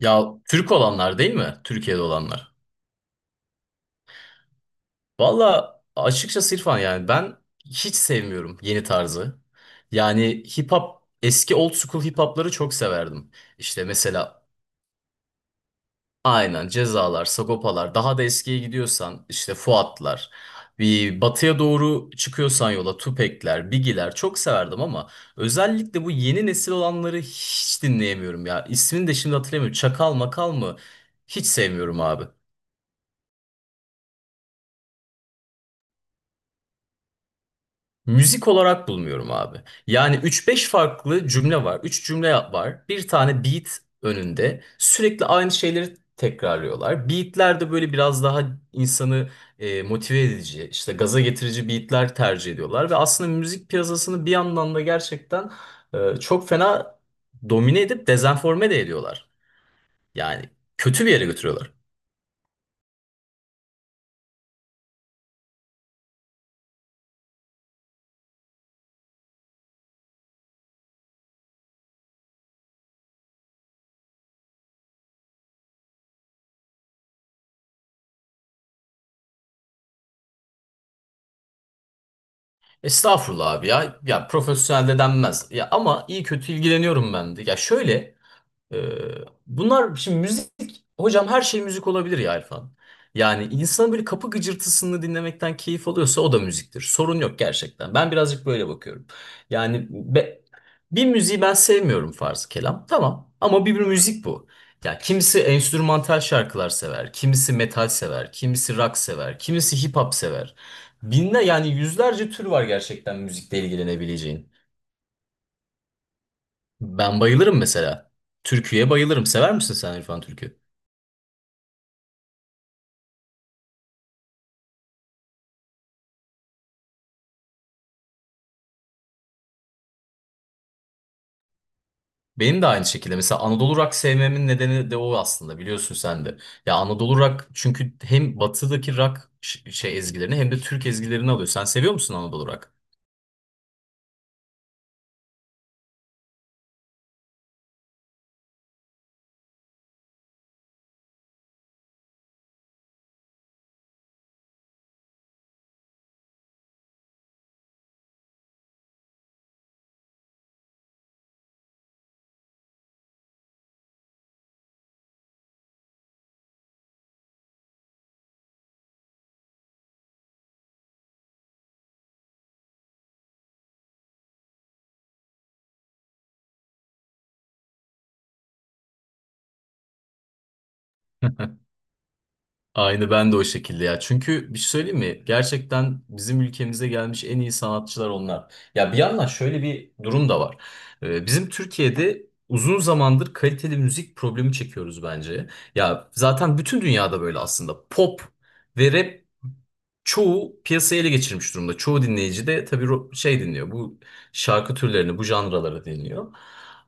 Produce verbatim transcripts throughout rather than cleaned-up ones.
Ya Türk olanlar değil mi? Türkiye'de olanlar. Valla açıkçası İrfan yani ben hiç sevmiyorum yeni tarzı. Yani hip hop eski old school hip hopları çok severdim. İşte mesela aynen Cezalar, Sagopalar daha da eskiye gidiyorsan işte Fuatlar. Bir batıya doğru çıkıyorsan yola Tupac'ler, Biggie'ler çok severdim ama özellikle bu yeni nesil olanları hiç dinleyemiyorum ya. İsmini de şimdi hatırlamıyorum. Çakal makal mı? Hiç sevmiyorum abi. Müzik olarak bulmuyorum abi. Yani üç beş farklı cümle var. Üç cümle var. Bir tane beat önünde. Sürekli aynı şeyleri tekrarlıyorlar. Beatler de böyle biraz daha insanı e, motive edici, işte gaza getirici beatler tercih ediyorlar. Ve aslında müzik piyasasını bir yandan da gerçekten e, çok fena domine edip dezenforme de ediyorlar. Yani kötü bir yere götürüyorlar. Estağfurullah abi ya. Ya profesyonel de denmez. Ya ama iyi kötü ilgileniyorum ben de. Ya şöyle... Ee, bunlar şimdi müzik hocam her şey müzik olabilir ya Erfan. Yani insanın böyle kapı gıcırtısını dinlemekten keyif alıyorsa o da müziktir. Sorun yok gerçekten. Ben birazcık böyle bakıyorum. Yani be- bir müziği ben sevmiyorum farz kelam. Tamam ama bir, bir müzik bu. Ya kimisi enstrümantal şarkılar sever, kimisi metal sever, kimisi rock sever, kimisi hip hop sever. Binler yani yüzlerce tür var gerçekten müzikle ilgilenebileceğin. Ben bayılırım mesela. Türküye bayılırım. Sever misin sen İrfan Türkü? Benim de aynı şekilde. Mesela Anadolu Rock sevmemin nedeni de o aslında biliyorsun sen de. Ya Anadolu Rock çünkü hem batıdaki rock ş- şey ezgilerini hem de Türk ezgilerini alıyor. Sen seviyor musun Anadolu Rock? Aynı ben de o şekilde ya. Çünkü bir şey söyleyeyim mi? Gerçekten bizim ülkemize gelmiş en iyi sanatçılar onlar. Ya bir yandan şöyle bir durum da var. Ee, bizim Türkiye'de uzun zamandır kaliteli müzik problemi çekiyoruz bence. Ya zaten bütün dünyada böyle aslında. Pop ve rap çoğu piyasayı ele geçirmiş durumda. Çoğu dinleyici de tabii ro- şey dinliyor. Bu şarkı türlerini, bu janraları dinliyor.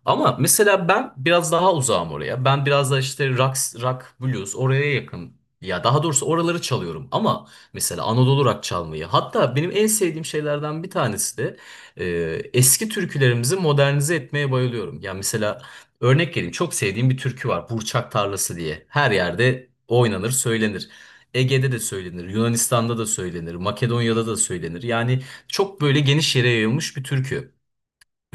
Ama mesela ben biraz daha uzağım oraya. Ben biraz da işte rock, rock, blues oraya yakın ya daha doğrusu oraları çalıyorum ama mesela Anadolu rock çalmayı hatta benim en sevdiğim şeylerden bir tanesi de e, eski türkülerimizi modernize etmeye bayılıyorum. Ya mesela örnek vereyim çok sevdiğim bir türkü var Burçak Tarlası diye. Her yerde oynanır söylenir. Ege'de de söylenir, Yunanistan'da da söylenir, Makedonya'da da söylenir. Yani çok böyle geniş yere yayılmış bir türkü.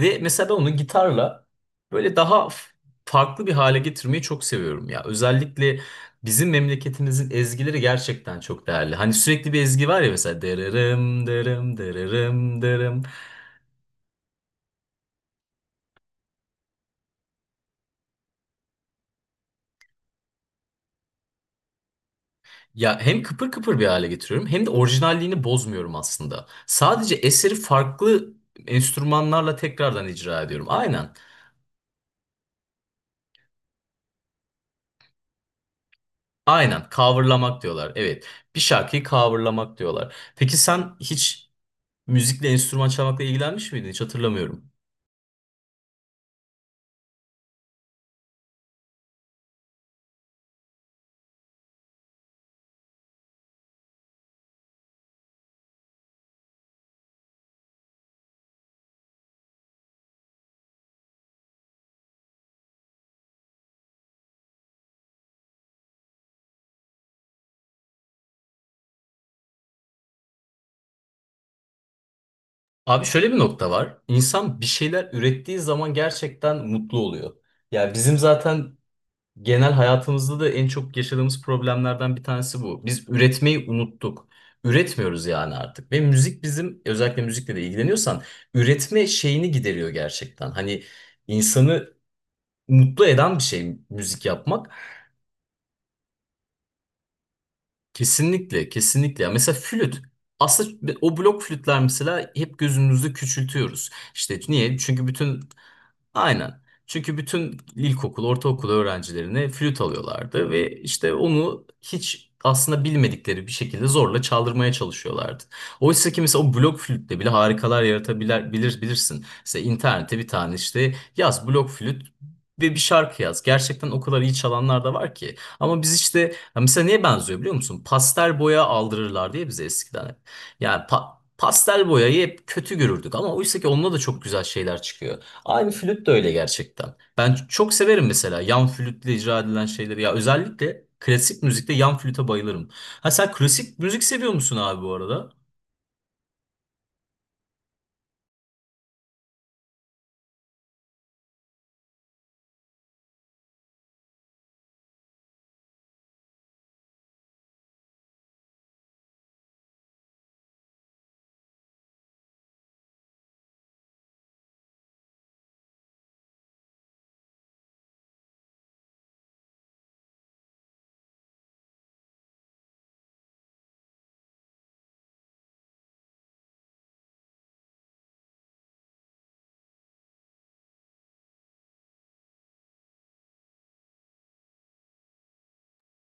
Ve mesela ben onu gitarla böyle daha f- farklı bir hale getirmeyi çok seviyorum ya. Özellikle bizim memleketimizin ezgileri gerçekten çok değerli. Hani sürekli bir ezgi var ya mesela dırırım dırım dırırım dırım. Ya hem kıpır kıpır bir hale getiriyorum hem de orijinalliğini bozmuyorum aslında. Sadece eseri farklı enstrümanlarla tekrardan icra ediyorum. Aynen. Aynen. Coverlamak diyorlar. Evet. Bir şarkıyı coverlamak diyorlar. Peki sen hiç müzikle enstrüman çalmakla ilgilenmiş miydin? Hiç hatırlamıyorum. Abi şöyle bir nokta var. İnsan bir şeyler ürettiği zaman gerçekten mutlu oluyor. Ya bizim zaten genel hayatımızda da en çok yaşadığımız problemlerden bir tanesi bu. Biz üretmeyi unuttuk. Üretmiyoruz yani artık. Ve müzik bizim özellikle müzikle de ilgileniyorsan üretme şeyini gideriyor gerçekten. Hani insanı mutlu eden bir şey müzik yapmak. Kesinlikle, kesinlikle. Ya mesela flüt. Aslında o blok flütler mesela hep gözümüzde küçültüyoruz. İşte niye? Çünkü bütün Aynen. Çünkü bütün ilkokul, ortaokul öğrencilerine flüt alıyorlardı ve işte onu hiç aslında bilmedikleri bir şekilde zorla çaldırmaya çalışıyorlardı. Oysa ki mesela o blok flütle bile harikalar yaratabilir bilir, bilirsin. Mesela internete bir tane işte yaz blok flüt ve bir şarkı yaz. Gerçekten o kadar iyi çalanlar da var ki. Ama biz işte ya mesela neye benziyor biliyor musun? Pastel boya aldırırlar diye bize eskiden hep. Yani pa- pastel boyayı hep kötü görürdük ama oysa ki onunla da çok güzel şeyler çıkıyor. Abi flüt de öyle gerçekten. Ben çok severim mesela yan flütle icra edilen şeyleri. Ya özellikle klasik müzikte yan flüte bayılırım. Ha sen klasik müzik seviyor musun abi bu arada?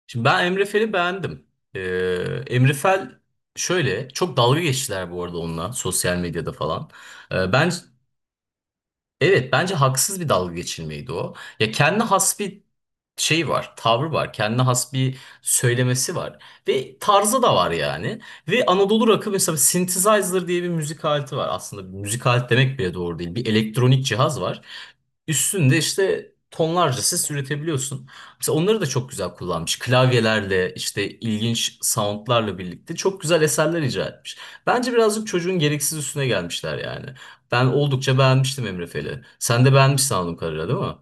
Şimdi ben Emre Fel'i beğendim. Ee, Emre Fel şöyle çok dalga geçtiler bu arada onunla sosyal medyada falan. Ee, ben Evet bence haksız bir dalga geçilmeydi o. Ya kendi has bir şey var, tavrı var, kendi has bir söylemesi var ve tarzı da var yani. Ve Anadolu rock'ı mesela synthesizer diye bir müzik aleti var. Aslında bir müzik aleti demek bile doğru değil. Bir elektronik cihaz var. Üstünde işte tonlarca ses üretebiliyorsun. Mesela onları da çok güzel kullanmış. Klavyelerle işte ilginç soundlarla birlikte çok güzel eserler icra etmiş. Bence birazcık çocuğun gereksiz üstüne gelmişler yani. Ben oldukça beğenmiştim Emre Fel'i. Sen de beğenmişsin anladığım kadarıyla değil mi?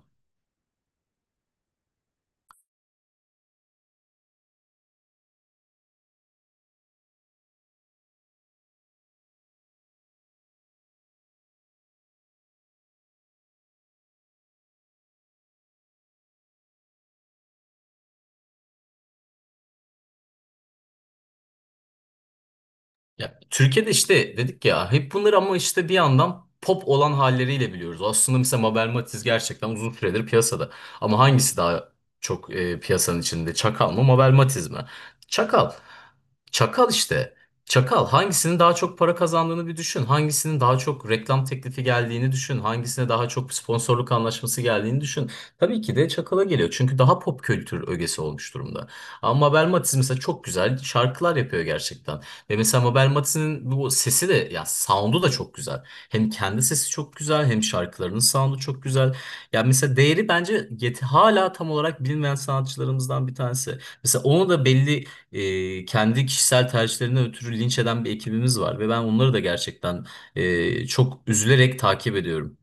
Ya, Türkiye'de işte dedik ya hep bunları ama işte bir yandan pop olan halleriyle biliyoruz. Aslında mesela Mabel Matiz gerçekten uzun süredir piyasada. Ama hangisi daha çok e, piyasanın içinde? Çakal mı Mabel Matiz mi? Çakal. Çakal işte. Çakal hangisinin daha çok para kazandığını bir düşün. Hangisinin daha çok reklam teklifi geldiğini düşün. Hangisine daha çok sponsorluk anlaşması geldiğini düşün. Tabii ki de Çakal'a geliyor. Çünkü daha pop kültür ögesi olmuş durumda. Ama Mabel Matiz mesela çok güzel şarkılar yapıyor gerçekten. Ve mesela Mabel Mati'nin bu sesi de ya sound'u da çok güzel. Hem kendi sesi çok güzel hem şarkılarının sound'u çok güzel. Ya mesela değeri bence yet hala tam olarak bilinmeyen sanatçılarımızdan bir tanesi. Mesela onu da belli e, kendi kişisel tercihlerinden ötürü linç eden bir ekibimiz var ve ben onları da gerçekten e, çok üzülerek takip ediyorum.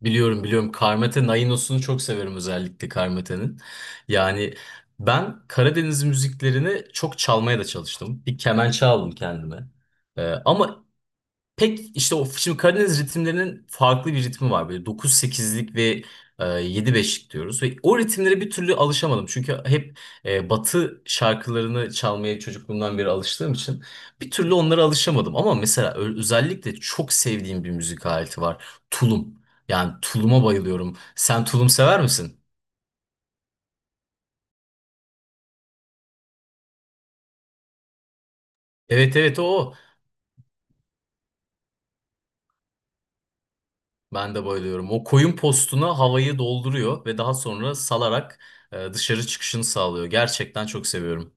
Biliyorum biliyorum. Karmate Nainos'unu çok severim özellikle Karmate'nin. Yani ben Karadeniz müziklerini çok çalmaya da çalıştım. Bir kemençe aldım kendime. Ee, ama pek işte o şimdi Karadeniz ritimlerinin farklı bir ritmi var. Böyle dokuz sekizlik ve e, yedi beşlik diyoruz. Ve o ritimlere bir türlü alışamadım. Çünkü hep e, Batı şarkılarını çalmaya çocukluğumdan beri alıştığım için bir türlü onlara alışamadım. Ama mesela ö- özellikle çok sevdiğim bir müzik aleti var. Tulum. Yani tuluma bayılıyorum. Sen tulum sever misin? Evet evet o. o. Ben de bayılıyorum. O koyun postuna havayı dolduruyor ve daha sonra salarak e, dışarı çıkışını sağlıyor. Gerçekten çok seviyorum.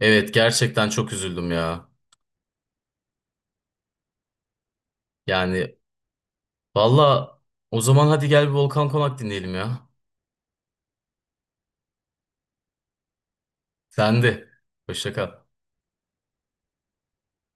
Evet gerçekten çok üzüldüm ya. Yani valla o zaman hadi gel bir Volkan Konak dinleyelim ya. Sende. Hoşça kal.